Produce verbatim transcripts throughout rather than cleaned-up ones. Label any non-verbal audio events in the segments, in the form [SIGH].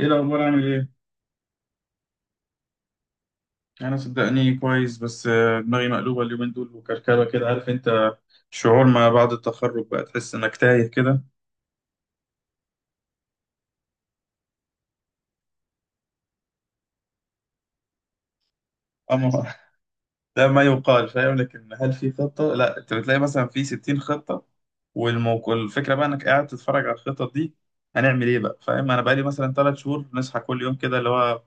ايه الاخبار، عامل ايه؟ انا صدقني كويس بس آه، دماغي مقلوبه اليومين دول وكركبه كده، عارف انت. شعور ما بعد التخرج بقى تحس انك تايه كده. اما [LAUGHS] ده ما يقال، فاهم؟ لكن هل في خطه؟ لا، انت بتلاقي مثلا في ستين خطه. والموقع الفكره بقى انك قاعد تتفرج على الخطط دي. هنعمل ايه بقى؟ فاهم؟ انا بقالي مثلا ثلاث شهور نصحى كل يوم كده، اللي هو.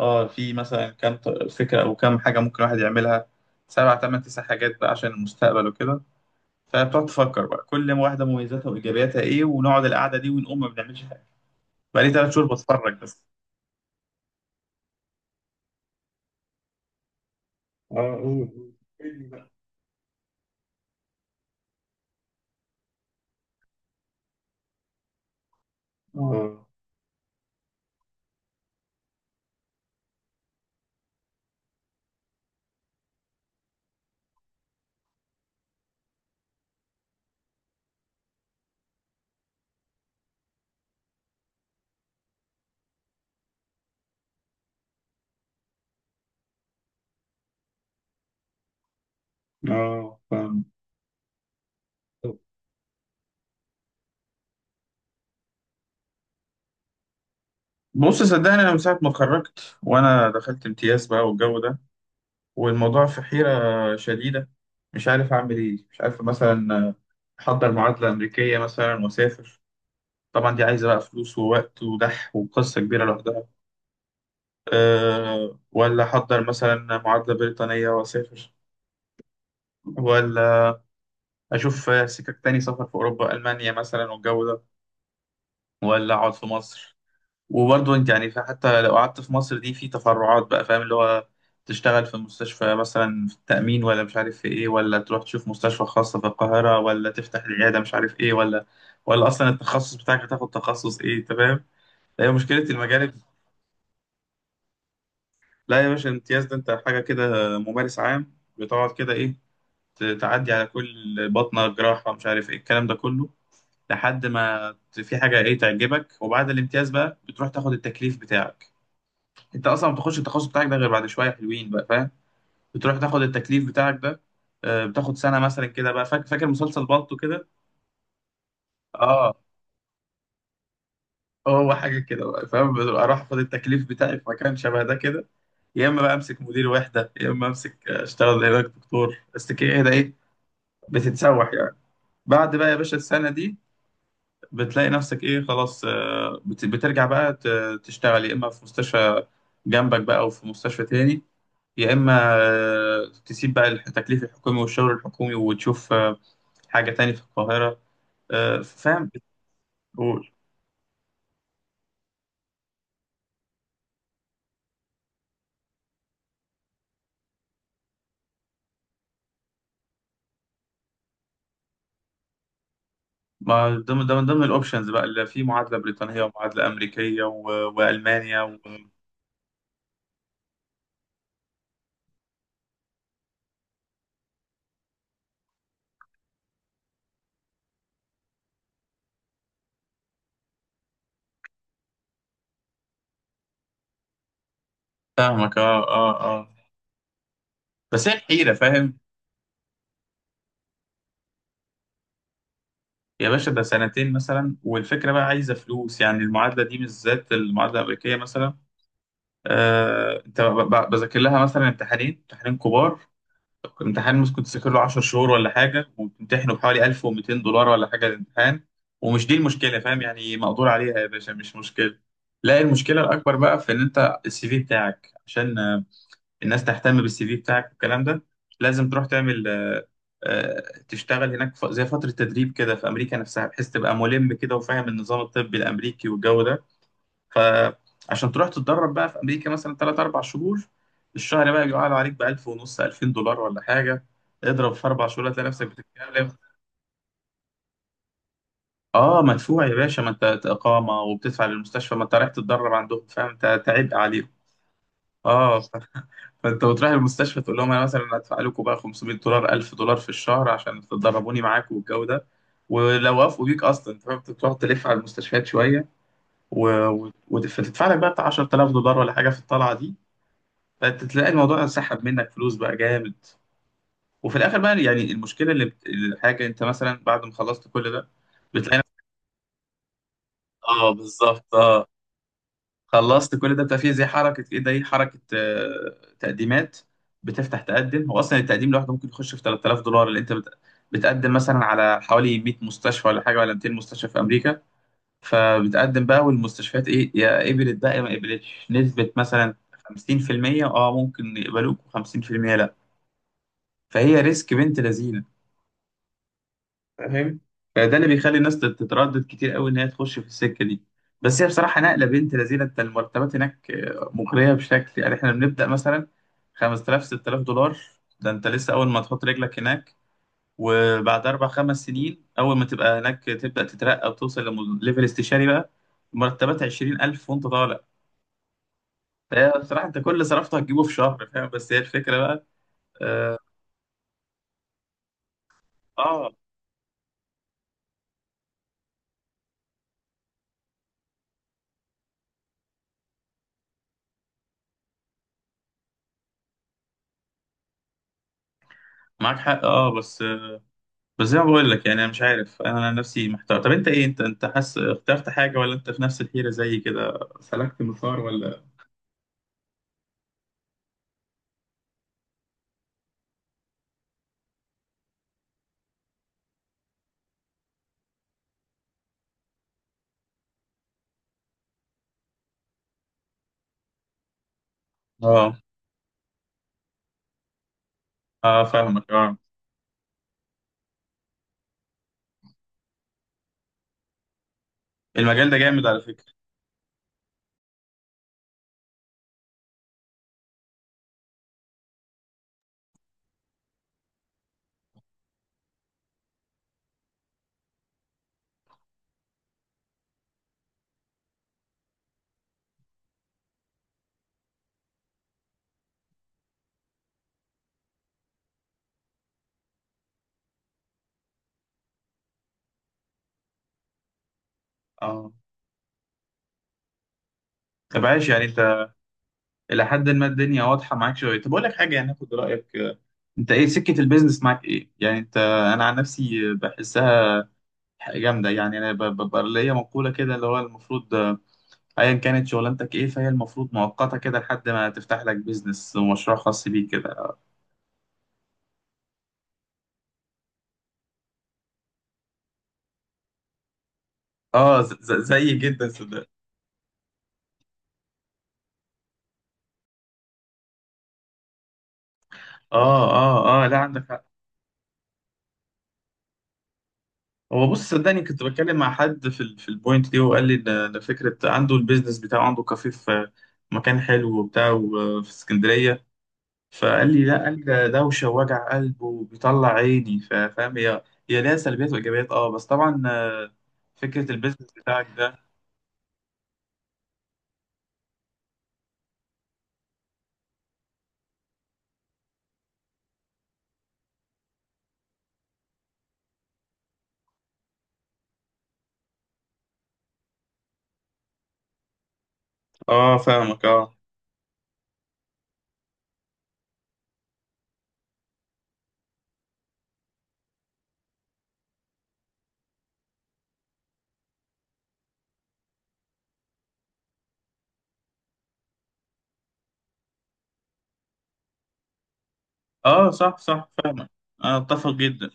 اه، في مثلا كام ط- فكره او كام حاجه ممكن الواحد يعملها. سبع، ثمان، تسع حاجات بقى عشان المستقبل وكده. فبتقعد تفكر بقى كل واحدة مميزاتها وإيجابياتها إيه، ونقعد القعدة دي ونقوم ما بنعملش حاجة. بقالي تلات شهور بتفرج بس. اه، قول. قول. اه، اه، فاهم. طب. بص صدقني، أنا من ساعة ما اتخرجت وأنا دخلت امتياز بقى والجو ده. والموضوع في حيرة شديدة. مش عارف أعمل إيه، مش عارف مثلا. أحضر معادلة أمريكية مثلا وأسافر. طبعا دي عايزة بقى فلوس ووقت ودح، وقصة كبيرة لوحدها. أه، ولا أحضر مثلا معادلة بريطانية وأسافر. ولا. اشوف سكك تاني سفر في اوروبا، المانيا مثلا، والجو ده. ولا اقعد في مصر. وبرضه انت يعني حتى لو قعدت في مصر، دي في تفرعات بقى، فاهم؟ اللي هو. تشتغل في مستشفى مثلا في التأمين، ولا مش عارف في ايه، ولا تروح تشوف مستشفى خاصة في القاهرة، ولا تفتح العيادة، مش عارف ايه، ولا. ولا اصلا التخصص بتاعك هتاخد تخصص ايه، انت فاهم؟ هي مشكلة المجال. لا يا باشا، الامتياز ده انت حاجة كده ممارس عام، بتقعد كده ايه. ت- تعدي على كل بطنة جراحة، مش عارف ايه الكلام ده كله. لحد ما ت- في حاجه ايه تعجبك، وبعد الامتياز بقى بتروح تاخد التكليف بتاعك. انت اصلا ما بتخش التخصص بتاعك ده غير بعد شويه حلوين بقى، فاهم؟ بتروح تاخد التكليف بتاعك ده. آه، بتاخد سنه مثلا كده بقى، فاكر فاكر مسلسل بالطو كده. اه. هو حاجه كده بقى، فاهم؟ بتبقى اروح اخد التكليف بتاعي في مكان شبه ده كده. يا اما بقى امسك مدير وحده، يا اما امسك، آه، اشتغل هناك دكتور بس كده، ايه ده ايه. بتتسوح يعني. بعد بقى يا باشا السنه دي. بتلاقي نفسك ايه؟ خلاص، آه، بت- بترجع بقى ت- تشتغل، يا اما في مستشفى جنبك بقى، او في مستشفى تاني. يا اما. آه، تسيب بقى الح- التكليف الحكومي والشغل الحكومي، وتشوف آه، حاجة تاني في القاهرة. آه، فاهم؟ بتقول. ما ده من ده من ضمن الاوبشنز بقى، اللي في معادلة بريطانية ومعادلة أمريكية و- وألمانيا و- فاهمك، اه، اه، اه. بس هي الحيرة، فاهم؟ يا باشا ده سنتين مثلا، والفكرة بقى عايزة فلوس. يعني المعادلة دي بالذات، المعادلة الأمريكية مثلا. آه، انت ب- ب- بذاكر لها مثلا امتحانين، امتحانين كبار. امتحان ممكن تذاكر له 10 شهور ولا حاجه، وبتمتحنه بحوالي ألف وميتين دولار ولا حاجه الامتحان. ومش دي المشكله، فاهم؟ يعني مقدور عليها يا باشا، مش مشكله. لا، المشكله الاكبر بقى في ان انت السي في بتاعك، عشان آه، الناس تهتم بالسي في بتاعك والكلام ده. لازم تروح تعمل آه، آه، تشتغل هناك ف- زي فتره تدريب كده في امريكا نفسها، بحيث تبقى ملم كده وفاهم النظام الطبي الامريكي والجو ده. فعشان تروح تتدرب بقى في امريكا مثلا تلاتة اربعة شهور. الشهر بقى بيقعد عليك ب ألف ونص ألفين دولار ولا حاجه. اضرب في اربع شهور، هتلاقي نفسك بتتكلم. اه مدفوع يا باشا، ما انت اقامه وبتدفع للمستشفى، ما انت رايح تتدرب عندهم، فاهم؟ انت تعب عليهم. اه. ف- فانت بتروح المستشفى تقول لهم انا مثلا هدفع لكم بقى خمسمية دولار، ألف دولار في الشهر عشان تدربوني معاكم والجو ده. ولو وافقوا بيك اصلا انت فاهم، أنت بتروح تلف على المستشفيات شويه. و... و... وتدفع لك بقى بتاع عشرة آلاف دولار ولا حاجه في الطلعه دي. فتلاقي الموضوع سحب منك فلوس بقى جامد. وفي الاخر بقى، يعني المشكله اللي بت... الحاجه، انت مثلا بعد ما خلصت كل ده. بتلاقي نفسك. اه، بالظبط، اه. خلصت كل ده بتبقى فيه زي حركه ايه ده، ايه، حركه آه... تقديمات. بتفتح تقدم. هو اصلا التقديم لوحده ممكن يخش في ثلاثة آلاف دولار، اللي انت بت... بتقدم مثلا على حوالي مية مستشفى ولا حاجه، ولا مئتين مستشفى في امريكا. فبتقدم بقى، والمستشفيات ايه، يا قبلت بقى يا ما قبلتش، نسبه مثلا خمسين في المية، اه، ممكن يقبلوك و50% لا. فهي ريسك بنت لذينه، فاهم؟ فده اللي بيخلي الناس تت- تتردد كتير قوي ان هي تخش في السكه دي. بس هي بصراحه نقله بنت لذينه. انت المرتبات هناك مغريه بشكل، يعني احنا بنبدا مثلا خمس تلاف ست تلاف دولار. ده انت لسه اول ما تحط رجلك هناك. وبعد اربع خمس سنين، اول ما تبقى هناك، تبدا تترقى وتوصل لليفل استشاري بقى، مرتبات عشرين ألف وانت طالع. فهي بصراحه، انت كل اللي صرفته هتجيبه في شهر، فاهم؟ بس هي الفكره بقى. اه، آه، معاك حق، اه بس. بس زي ما بقول لك، يعني انا مش عارف، انا نفسي محتار. طب انت ايه، انت انت حاسس اخترت حاجه ولا انت في نفس الحيره زي كده؟ سلكت مسار ولا. اه اه فاهمك، اه. المجال ده جامد على فكره. اه، طب عايش يعني انت؟ الى حد ما الدنيا واضحه معاك شويه. طب اقول لك حاجه يعني، اخد رايك، آه، انت ايه سكه البيزنس معاك، ايه يعني انت؟ انا عن نفسي بحسها جامده، يعني انا ب- ببقى ليا مقوله كده، اللي هو المفروض، آه، ايا كانت شغلانتك ايه، فهي المفروض مؤقته كده لحد ما تفتح لك بيزنس ومشروع خاص بيك كده. اه ز- ز- زي جدا صدق. اه، اه، اه، لا، عندك حق. هو بص صدقني، كنت بتكلم مع حد في ال في البوينت دي، وقال لي ده ده فكره، عنده البيزنس بتاعه، عنده كافيه في مكان حلو وبتاع و- في اسكندريه. فقال لي لا، قال لي ده دوشه ووجع قلب وبيطلع عيني، ف- فاهم؟ هي، هي ليها سلبيات وايجابيات، اه، بس طبعا آه، فكره البيزنس بتاعك ده. اه، فاهمك، اه. اه، صح، صح، فاهمك. انا اتفق جدا.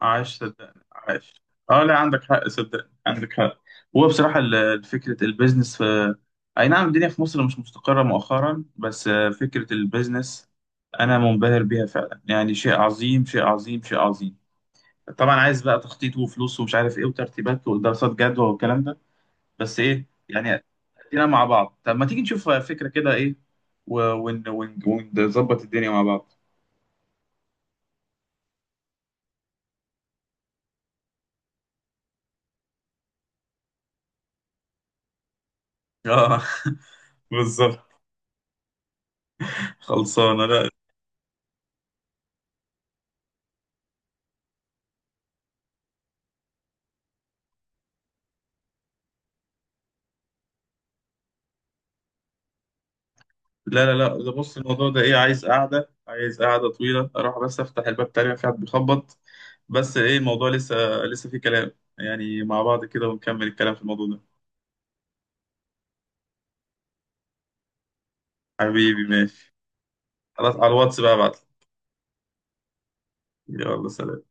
عايش صدقني، عايش. اه، لا عندك حق، صدقني عندك حق. هو بصراحة ال- فكرة البيزنس في، اي نعم الدنيا في مصر مش مستقرة مؤخرا، بس آه، فكرة البيزنس انا منبهر بيها فعلا، يعني شيء عظيم، شيء عظيم، شيء عظيم. طبعا عايز بقى تخطيط وفلوس ومش عارف ايه وترتيبات ودراسات جدوى والكلام ده. بس ايه يعني. ادينا مع بعض، طب ما تيجي نشوف فكرة كده، ايه، و- ون- ون- ونظبط الدنيا مع بعض. اه، [LAUGHS] بالظبط. خلصانة لا. لا لا لا، ده بص الموضوع ده، ايه، عايز قعدة، عايز قعدة طويلة. اروح بس افتح الباب، تقريبا في حد بيخبط. بس ايه الموضوع لسه، لسه في كلام، يعني مع بعض كده ونكمل الكلام في الموضوع ده. حبيبي ماشي. خلاص، على الواتس بقى ابعتلي. يلا سلام.